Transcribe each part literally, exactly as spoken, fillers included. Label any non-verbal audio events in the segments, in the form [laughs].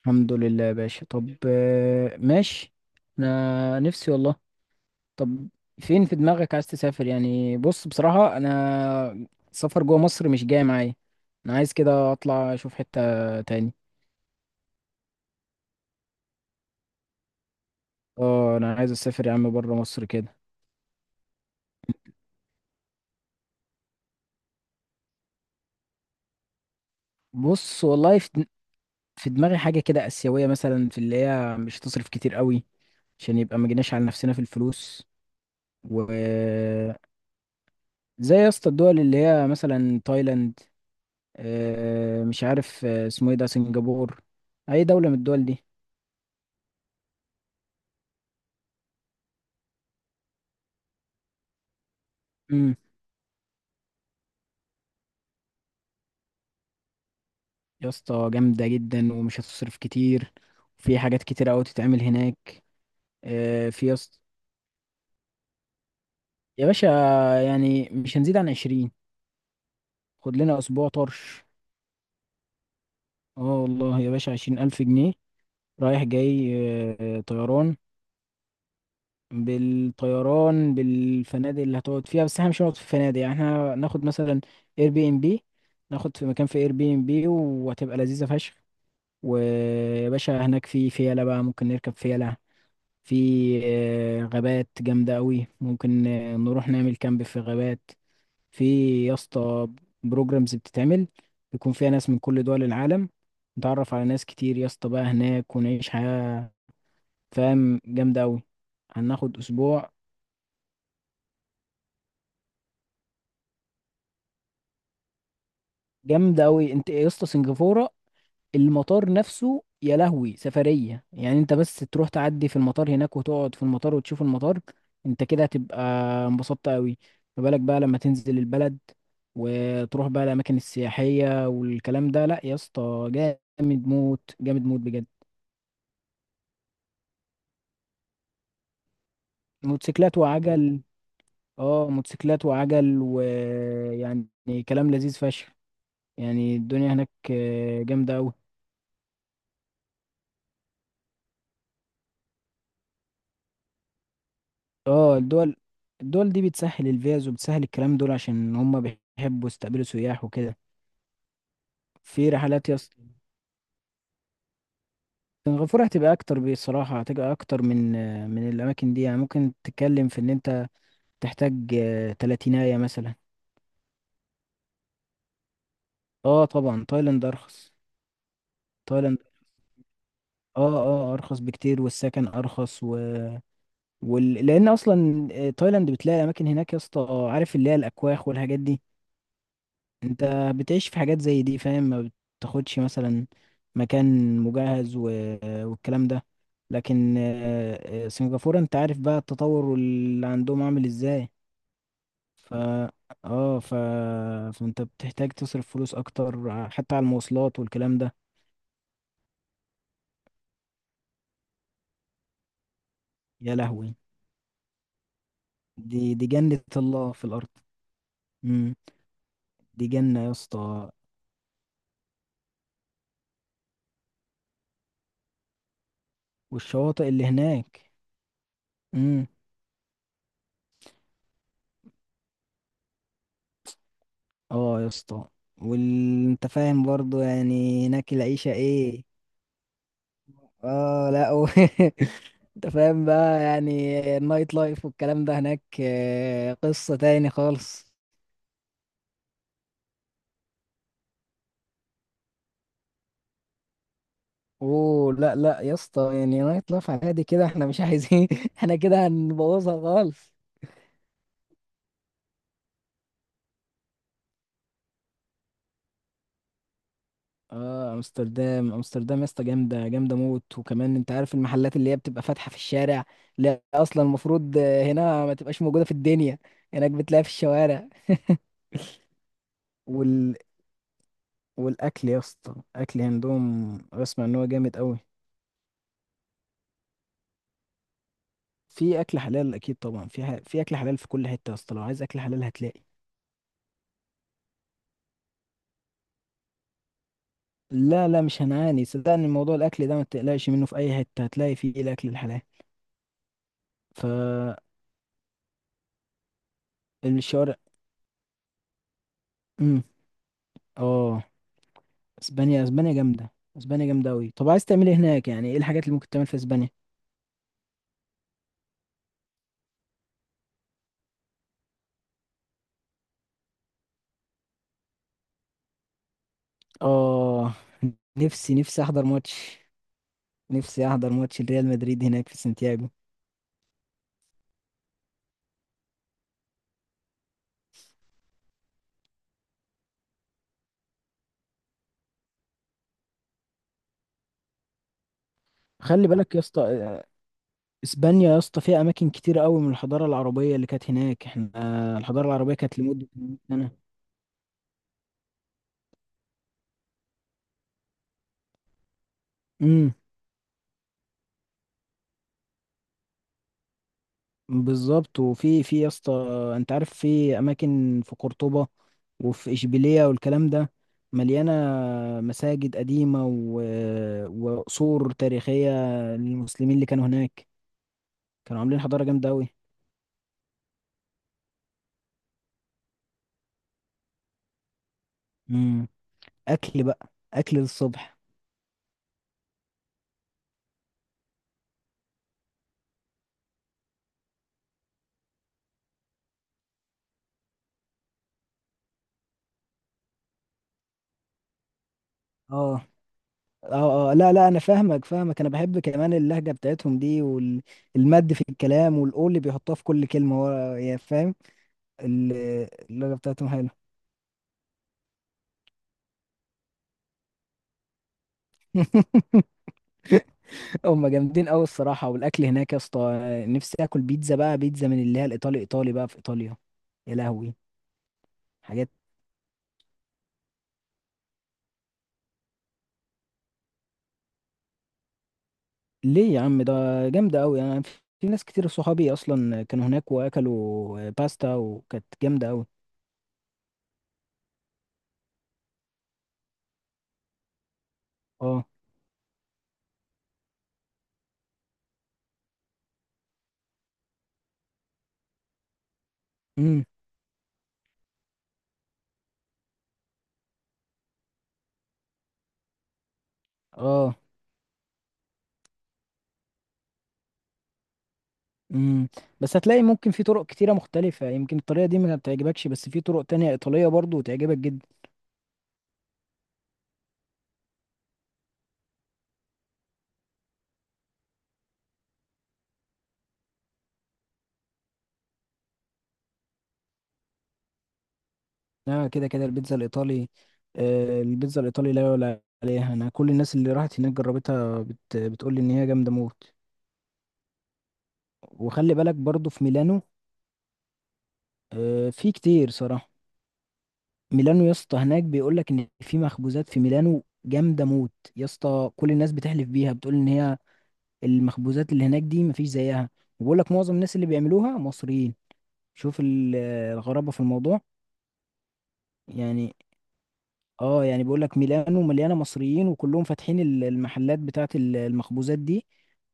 الحمد لله يا باشا، طب آه، ماشي. انا نفسي والله. طب فين في دماغك عايز تسافر؟ يعني بص، بصراحة انا سفر جوه مصر مش جاي معايا. انا عايز كده اطلع اشوف حتة تاني. اه انا عايز اسافر يا عم بره مصر كده. بص والله في دم- في دماغي حاجة كده آسيوية مثلا، في اللي هي مش هتصرف كتير قوي، عشان يبقى ما جيناش على نفسنا في الفلوس. و زي يا اسطى الدول اللي هي مثلا تايلاند. آه، مش عارف آه، اسمه ايه ده، سنغافور. اي دولة من الدول دي. امم. يا اسطى جامدة جدا ومش هتصرف كتير، وفي حاجات كتير قوي تتعمل هناك. آه، في يا اسطى، يا باشا، يعني مش هنزيد عن عشرين. خد لنا اسبوع طرش. اه والله يا باشا عشرين الف جنيه، رايح جاي. آه، طيران، بالطيران، بالفنادق اللي هتقعد فيها. بس احنا مش هنقعد في فنادق يعني، احنا ناخد مثلا اير بي ام بي. ناخد في مكان في اير بي ام بي وهتبقى لذيذة فشخ. ويا باشا هناك في فيلة بقى، ممكن نركب فيلة. في آه، غابات جامدة أوي، ممكن آه، نروح نعمل كامب في غابات. في يا اسطى بروجرامز بتتعمل، بيكون فيها ناس من كل دول العالم. نتعرف على ناس كتير يا اسطى بقى هناك ونعيش حياة، فاهم، جامدة أوي. هناخد أسبوع. جامدة أوي أنت يا اسطى، سنغافورة المطار نفسه يا لهوي سفرية. يعني انت بس تروح تعدي في المطار هناك، وتقعد في المطار وتشوف المطار، انت كده هتبقى انبسطت قوي. ما بالك بقى لما تنزل البلد وتروح بقى الأماكن السياحية والكلام ده. لا يا اسطى، جامد موت جامد موت بجد. موتوسيكلات وعجل، اه موتوسيكلات وعجل، ويعني كلام لذيذ فشخ. يعني الدنيا هناك آه، جامدة أوي. اه الدول، الدول دي بتسهل الفيز وبتسهل الكلام دول، عشان هم بيحبوا يستقبلوا سياح وكده. في رحلات يس، سنغافورة هتبقى اكتر، بصراحة هتبقى اكتر من من الاماكن دي. يعني ممكن تتكلم في ان انت تحتاج آه، تلاتيناية مثلا. اه طبعا تايلاند ارخص. تايلاند اه اه ارخص بكتير، والسكن ارخص و... وال... لان اصلا آه، تايلاند بتلاقي اماكن هناك يا اسطى، آه، عارف اللي هي الاكواخ والحاجات دي. انت بتعيش في حاجات زي دي، فاهم؟ ما بتاخدش مثلا مكان مجهز و... والكلام ده. لكن آه، آه، سنغافورة انت عارف بقى التطور اللي عندهم عامل ازاي. ف اه ف... فانت بتحتاج تصرف فلوس اكتر ع- حتى على المواصلات والكلام ده. يا لهوي، دي دي جنة الله في الارض. امم، دي جنة يا اسطى. والشواطئ اللي هناك. امم، اه يا اسطى وانت فاهم برضو يعني هناك العيشة ايه. اه لا و... [laughs] انت فاهم بقى يعني، النايت لايف والكلام ده هناك آه، قصة تاني خالص. اوه لا لا يا اسطى، يعني نايت لايف عادي كده، احنا مش عايزين [laughs] احنا كده هنبوظها خالص. اه، امستردام، امستردام يا اسطى جامده جامده موت. وكمان انت عارف المحلات اللي هي بتبقى فاتحه في الشارع. لا اصلا المفروض آه، هنا ما تبقاش موجوده في الدنيا، هناك بتلاقيها في الشوارع. وال... والاكل يا اسطى، الاكل عندهم بسمع ان هو جامد قوي. في اكل حلال اكيد طبعا، في ح... في اكل حلال في كل حته يا اسطى، لو عايز اكل حلال هتلاقي. لا لا مش هنعاني، صدقني موضوع الاكل ده ما تقلقش منه، في اي حته هتلاقي فيه الاكل الحلال فالشوارع. امم، اه اسبانيا، اسبانيا جامده. اسبانيا جامده قوي. طب عايز تعمل ايه هناك؟ يعني ايه الحاجات اللي ممكن تعمل في اسبانيا؟ اه نفسي نفسي احضر ماتش، نفسي احضر ماتش ريال مدريد هناك في سانتياغو. خلي بالك يا اسطى، اسبانيا يا اسطى فيها اماكن كتير قوي من الحضاره العربيه اللي كانت هناك. احنا آه، الحضاره العربيه كانت لمده مية سنه. امم، بالظبط. وفي في يا اسطى، انت عارف في اماكن في قرطبه وفي اشبيليه والكلام ده، مليانه مساجد قديمه و... وقصور تاريخيه للمسلمين اللي كانوا هناك، كانوا عاملين حضاره جامده قوي. امم، اكل بقى، اكل للصبح. اه اه اه لا لا انا فاهمك فاهمك، انا بحب كمان اللهجه بتاعتهم دي، والمد في الكلام، والاو اللي بيحطوها في كل كلمه ورا، يعني فاهم. ال- اللهجه بتاعتهم حلوه. [laughs] هم جامدين قوي الصراحه. والاكل هناك يا اسطى، نفسي اكل بيتزا بقى، بيتزا من اللي هي الايطالي، ايطالي بقى في ايطاليا. يا لهوي، حاجات، ليه يا عم؟ ده جامده قوي. انا في في ناس كتير صحابي اصلا كانوا هناك واكلوا آه، باستا وكانت جامده قوي. اه، امم. اه امم، بس هتلاقي ممكن في طرق كتيرة مختلفة، يمكن الطريقة دي ما تعجبكش، بس في طرق تانية إيطالية برضو تعجبك جدا. لا كده كده البيتزا الإيطالي، آه، البيتزا الإيطالي لا يعلى عليها. أنا كل الناس اللي راحت هناك جربتها، بت... بتقول لي إن هي جامدة موت. وخلي بالك برضو في ميلانو. آه، في كتير صراحة. ميلانو يا اسطى، هناك بيقول لك إن في مخبوزات في ميلانو جامدة موت يا اسطى. كل الناس بتحلف بيها، بتقول إن هي المخبوزات اللي هناك دي مفيش زيها. وبقول لك معظم الناس اللي بيعملوها مصريين. شوف ال- الغرابة في الموضوع. يعني، اه يعني بيقول لك ميلانو مليانة مصريين، وكلهم فاتحين ال- المحلات بتاعة ال- المخبوزات دي،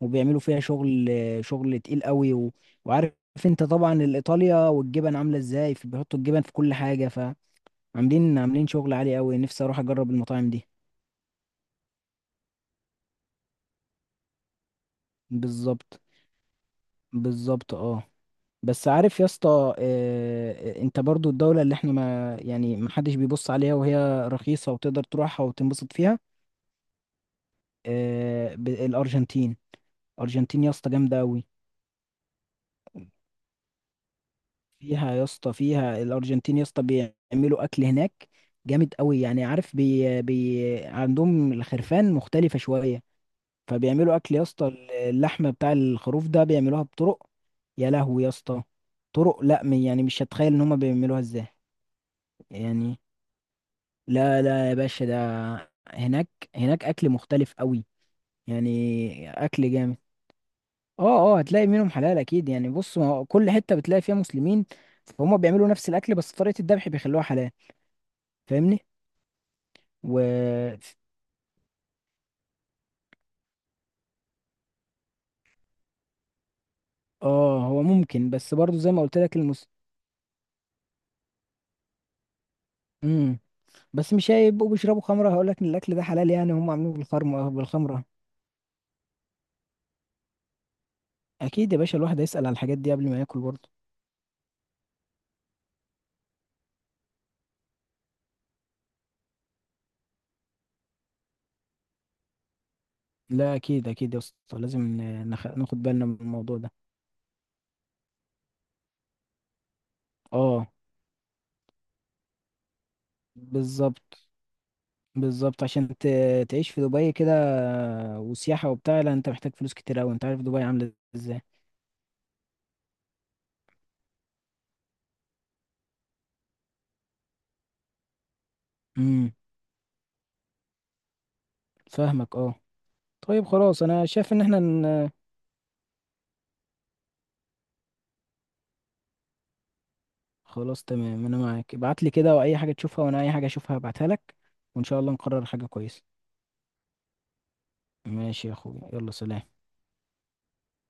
وبيعملوا فيها شغل، شغل تقيل قوي و... وعارف انت طبعا الايطاليا والجبن عاملة ازاي، في بيحطوا الجبن في كل حاجة، فعاملين عاملين شغل عالي قوي. نفسي اروح اجرب المطاعم دي. بالظبط، بالظبط اه. بس عارف يا اسطى آه، انت برضو الدولة اللي احنا، ما يعني ما حدش بيبص عليها، وهي رخيصة وتقدر تروحها وتنبسط فيها. آه، ب- الارجنتين، الارجنتين يا اسطى جامده قوي. فيها يا اسطى، فيها الارجنتين يا اسطى بيعملوا اكل هناك جامد قوي، يعني عارف بي بي عندهم الخرفان مختلفه شويه. فبيعملوا اكل يا اسطى، اللحمه بتاع الخروف ده بيعملوها بطرق، يا لهوي يا اسطى، طرق لا م- يعني مش هتخيل ان هم بيعملوها ازاي. يعني لا لا يا باشا، ده هناك، هناك اكل مختلف قوي، يعني اكل جامد. اه اه هتلاقي منهم حلال اكيد، يعني بص، ما هو كل حته بتلاقي فيها مسلمين، فهم بيعملوا نفس الاكل، بس طريقه الذبح بيخلوها حلال، فاهمني. و اه هو ممكن، بس برضو زي ما قلت لك المس امم، بس مش هيبقوا بيشربوا خمره هقول لك ان الاكل ده حلال، يعني هم عاملينه بالخمره بالخمره. اكيد يا باشا، الواحد هيسال على الحاجات دي قبل ما ياكل برضو. لا اكيد اكيد يا اسطى، لازم ن- نخ... ناخد بالنا من الموضوع ده. اه بالظبط، بالظبط عشان ت... تعيش في دبي كده وسياحة وبتاع، لا انت محتاج فلوس كتير اوي، انت عارف دبي عاملة ازاي. امم، فاهمك اه. طيب خلاص انا شايف ان احنا ن... خلاص تمام، انا معاك. ابعت لي كده واي حاجة تشوفها، وانا اي حاجة اشوفها ابعتها لك، وان شاء الله نقرر حاجة كويسة. ماشي يا اخويا، يلا سلام.